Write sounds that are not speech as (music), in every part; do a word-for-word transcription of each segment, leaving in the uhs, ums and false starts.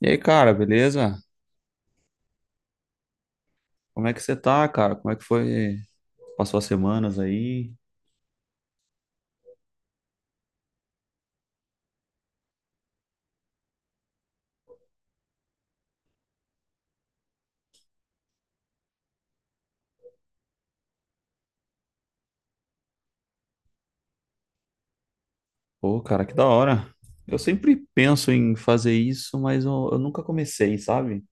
E aí, cara, beleza? Como é que você tá, cara? Como é que foi? Passou as semanas aí? Pô, cara, que da hora. Eu sempre penso em fazer isso, mas eu, eu nunca comecei, sabe?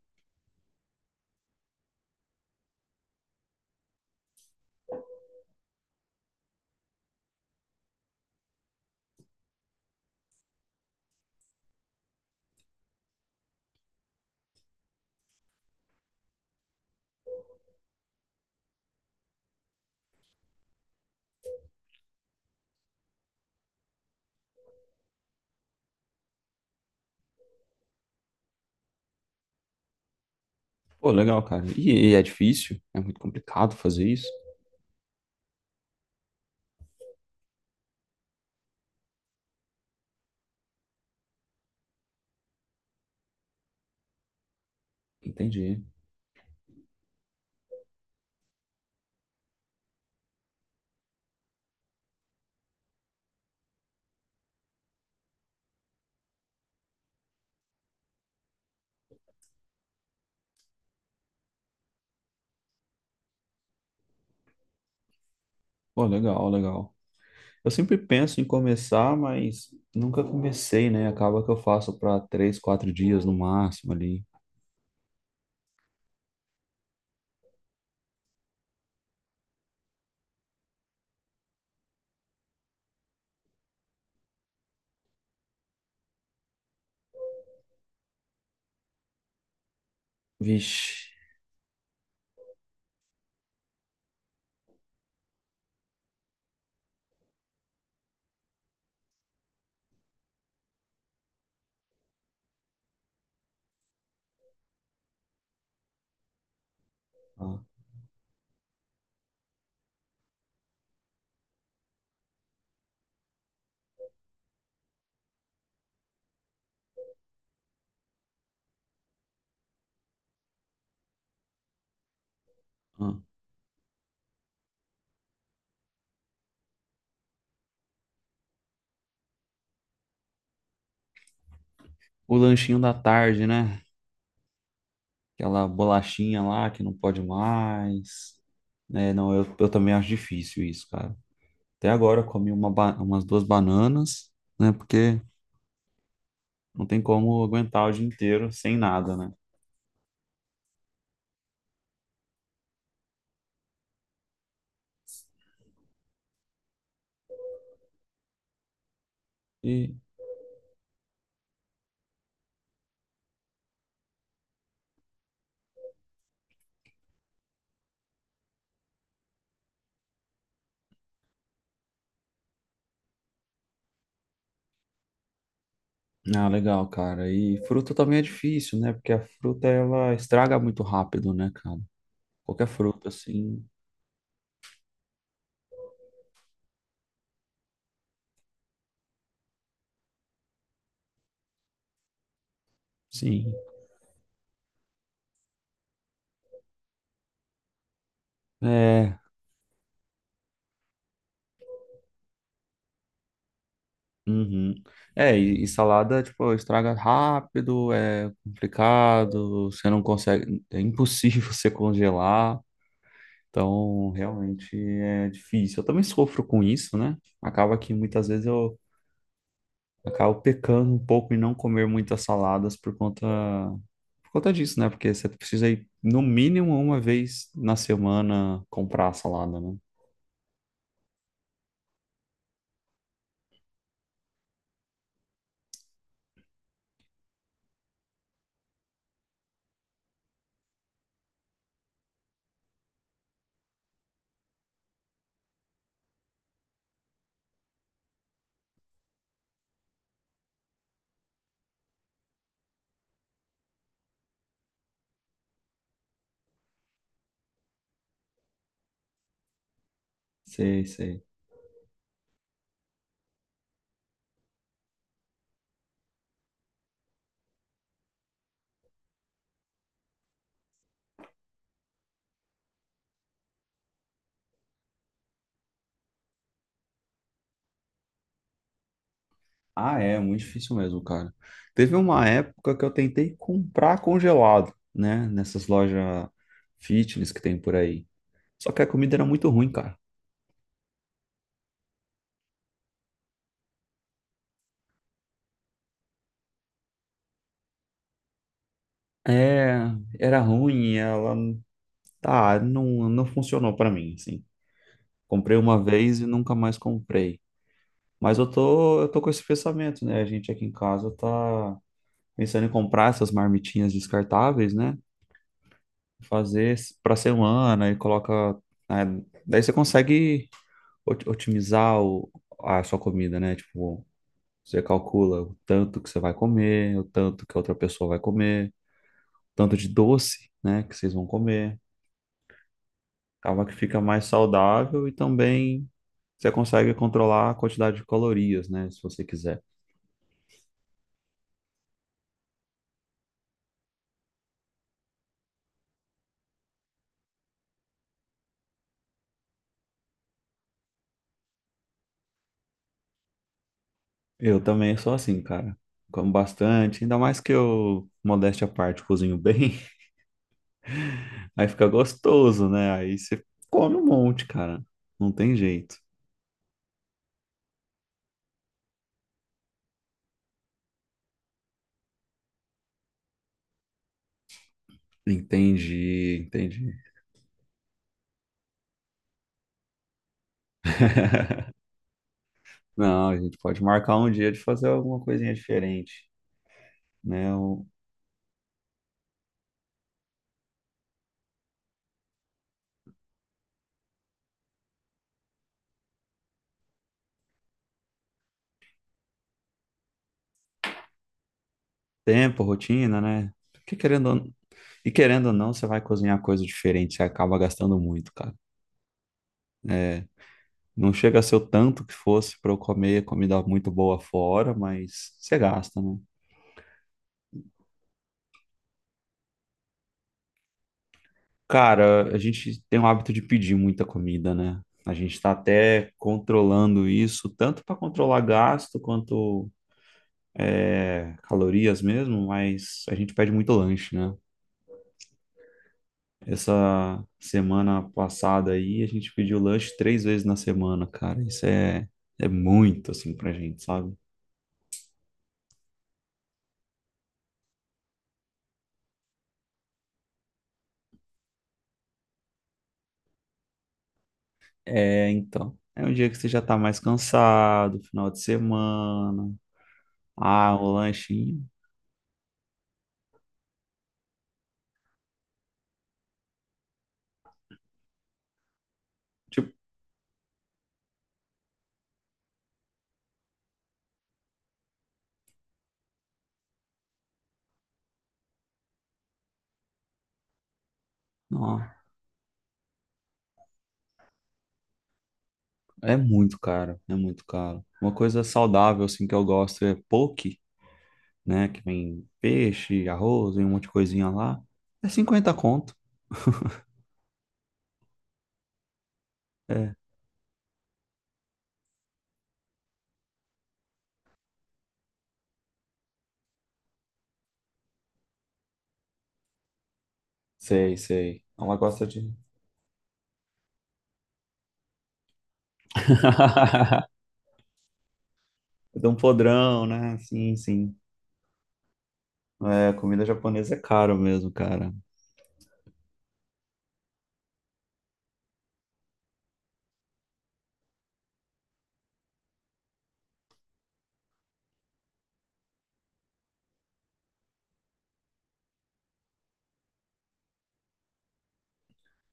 Pô, legal, cara. E, e é difícil? É muito complicado fazer isso? Entendi. Pô, legal, legal. Eu sempre penso em começar, mas nunca comecei, né? Acaba que eu faço pra três, quatro dias no máximo ali. Vixe. Ah, ah. O lanchinho da tarde, né? Aquela bolachinha lá que não pode mais. Né não, eu, eu também acho difícil isso, cara. Até agora eu comi uma ba- umas duas bananas, né? Porque não tem como aguentar o dia inteiro sem nada, né? E, ah, legal, cara. E fruta também é difícil, né? Porque a fruta, ela estraga muito rápido, né, cara? Qualquer fruta, assim, sim. É, uhum. É, e, e salada, tipo, estraga rápido, é complicado, você não consegue, é impossível (laughs) você congelar, então realmente é difícil. Eu também sofro com isso, né? Acaba que muitas vezes eu acabo pecando um pouco em não comer muitas saladas por conta, por conta disso, né? Porque você precisa ir no mínimo uma vez na semana comprar a salada, né? Sei, sei. Ah, é muito difícil mesmo, cara. Teve uma época que eu tentei comprar congelado, né? Nessas lojas fitness que tem por aí. Só que a comida era muito ruim, cara. É, era ruim, ela tá, não, não funcionou pra mim, assim. Comprei uma vez e nunca mais comprei. Mas eu tô, eu tô com esse pensamento, né? A gente aqui em casa tá pensando em comprar essas marmitinhas descartáveis, né? Fazer s- pra semana e coloca, né? Daí você consegue ot- otimizar o- a sua comida, né? Tipo, você calcula o tanto que você vai comer, o tanto que a outra pessoa vai comer, tanto de doce, né, que vocês vão comer. Acaba que fica mais saudável e também você consegue controlar a quantidade de calorias, né, se você quiser. Eu também sou assim, cara. Como bastante, ainda mais que eu, modéstia à parte, cozinho bem, (laughs) aí fica gostoso, né? Aí você come um monte, cara. Não tem jeito. Entendi, entendi. (laughs) Não, a gente pode marcar um dia de fazer alguma coisinha diferente, né? O tempo, rotina, né? Porque querendo ou- e querendo ou não, você vai cozinhar coisa diferente, você acaba gastando muito, cara. É, não chega a ser o tanto que fosse para eu comer comida muito boa fora, mas você gasta, né? Cara, a gente tem o hábito de pedir muita comida, né? A gente está até controlando isso, tanto para controlar gasto quanto é, calorias mesmo, mas a gente pede muito lanche, né? Essa semana passada aí, a gente pediu lanche três vezes na semana, cara. Isso é, é muito, assim, pra gente, sabe? É, então. É um dia que você já tá mais cansado, final de semana. Ah, o lanchinho. Tipo, não, é muito caro, é muito caro. Uma coisa saudável, assim, que eu gosto é poke, né? Que vem peixe, arroz, vem um monte de coisinha lá. É cinquenta conto. É, sei, sei. Ela gosta de. (laughs) Dá um podrão, né? Sim, sim. É, comida japonesa é caro mesmo, cara.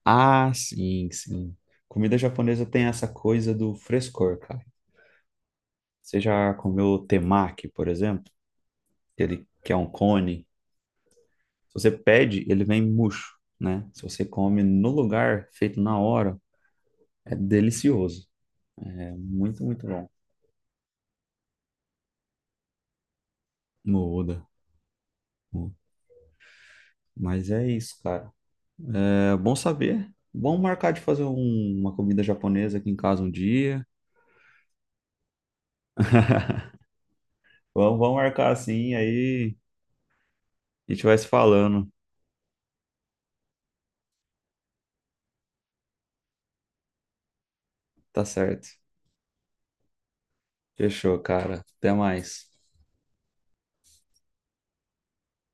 Ah, sim, sim. Comida japonesa tem essa coisa do frescor, cara. Você já comeu temaki, por exemplo? Ele que é um cone. Se você pede, ele vem murcho, né? Se você come no lugar, feito na hora, é delicioso. É muito, muito bom. Muda. Muda. Mas é isso, cara. É bom saber. Bom marcar de fazer um- uma comida japonesa aqui em casa um dia. (laughs) Vamos, vamos marcar assim, aí a gente vai se falando. Tá certo. Fechou, cara. Até mais.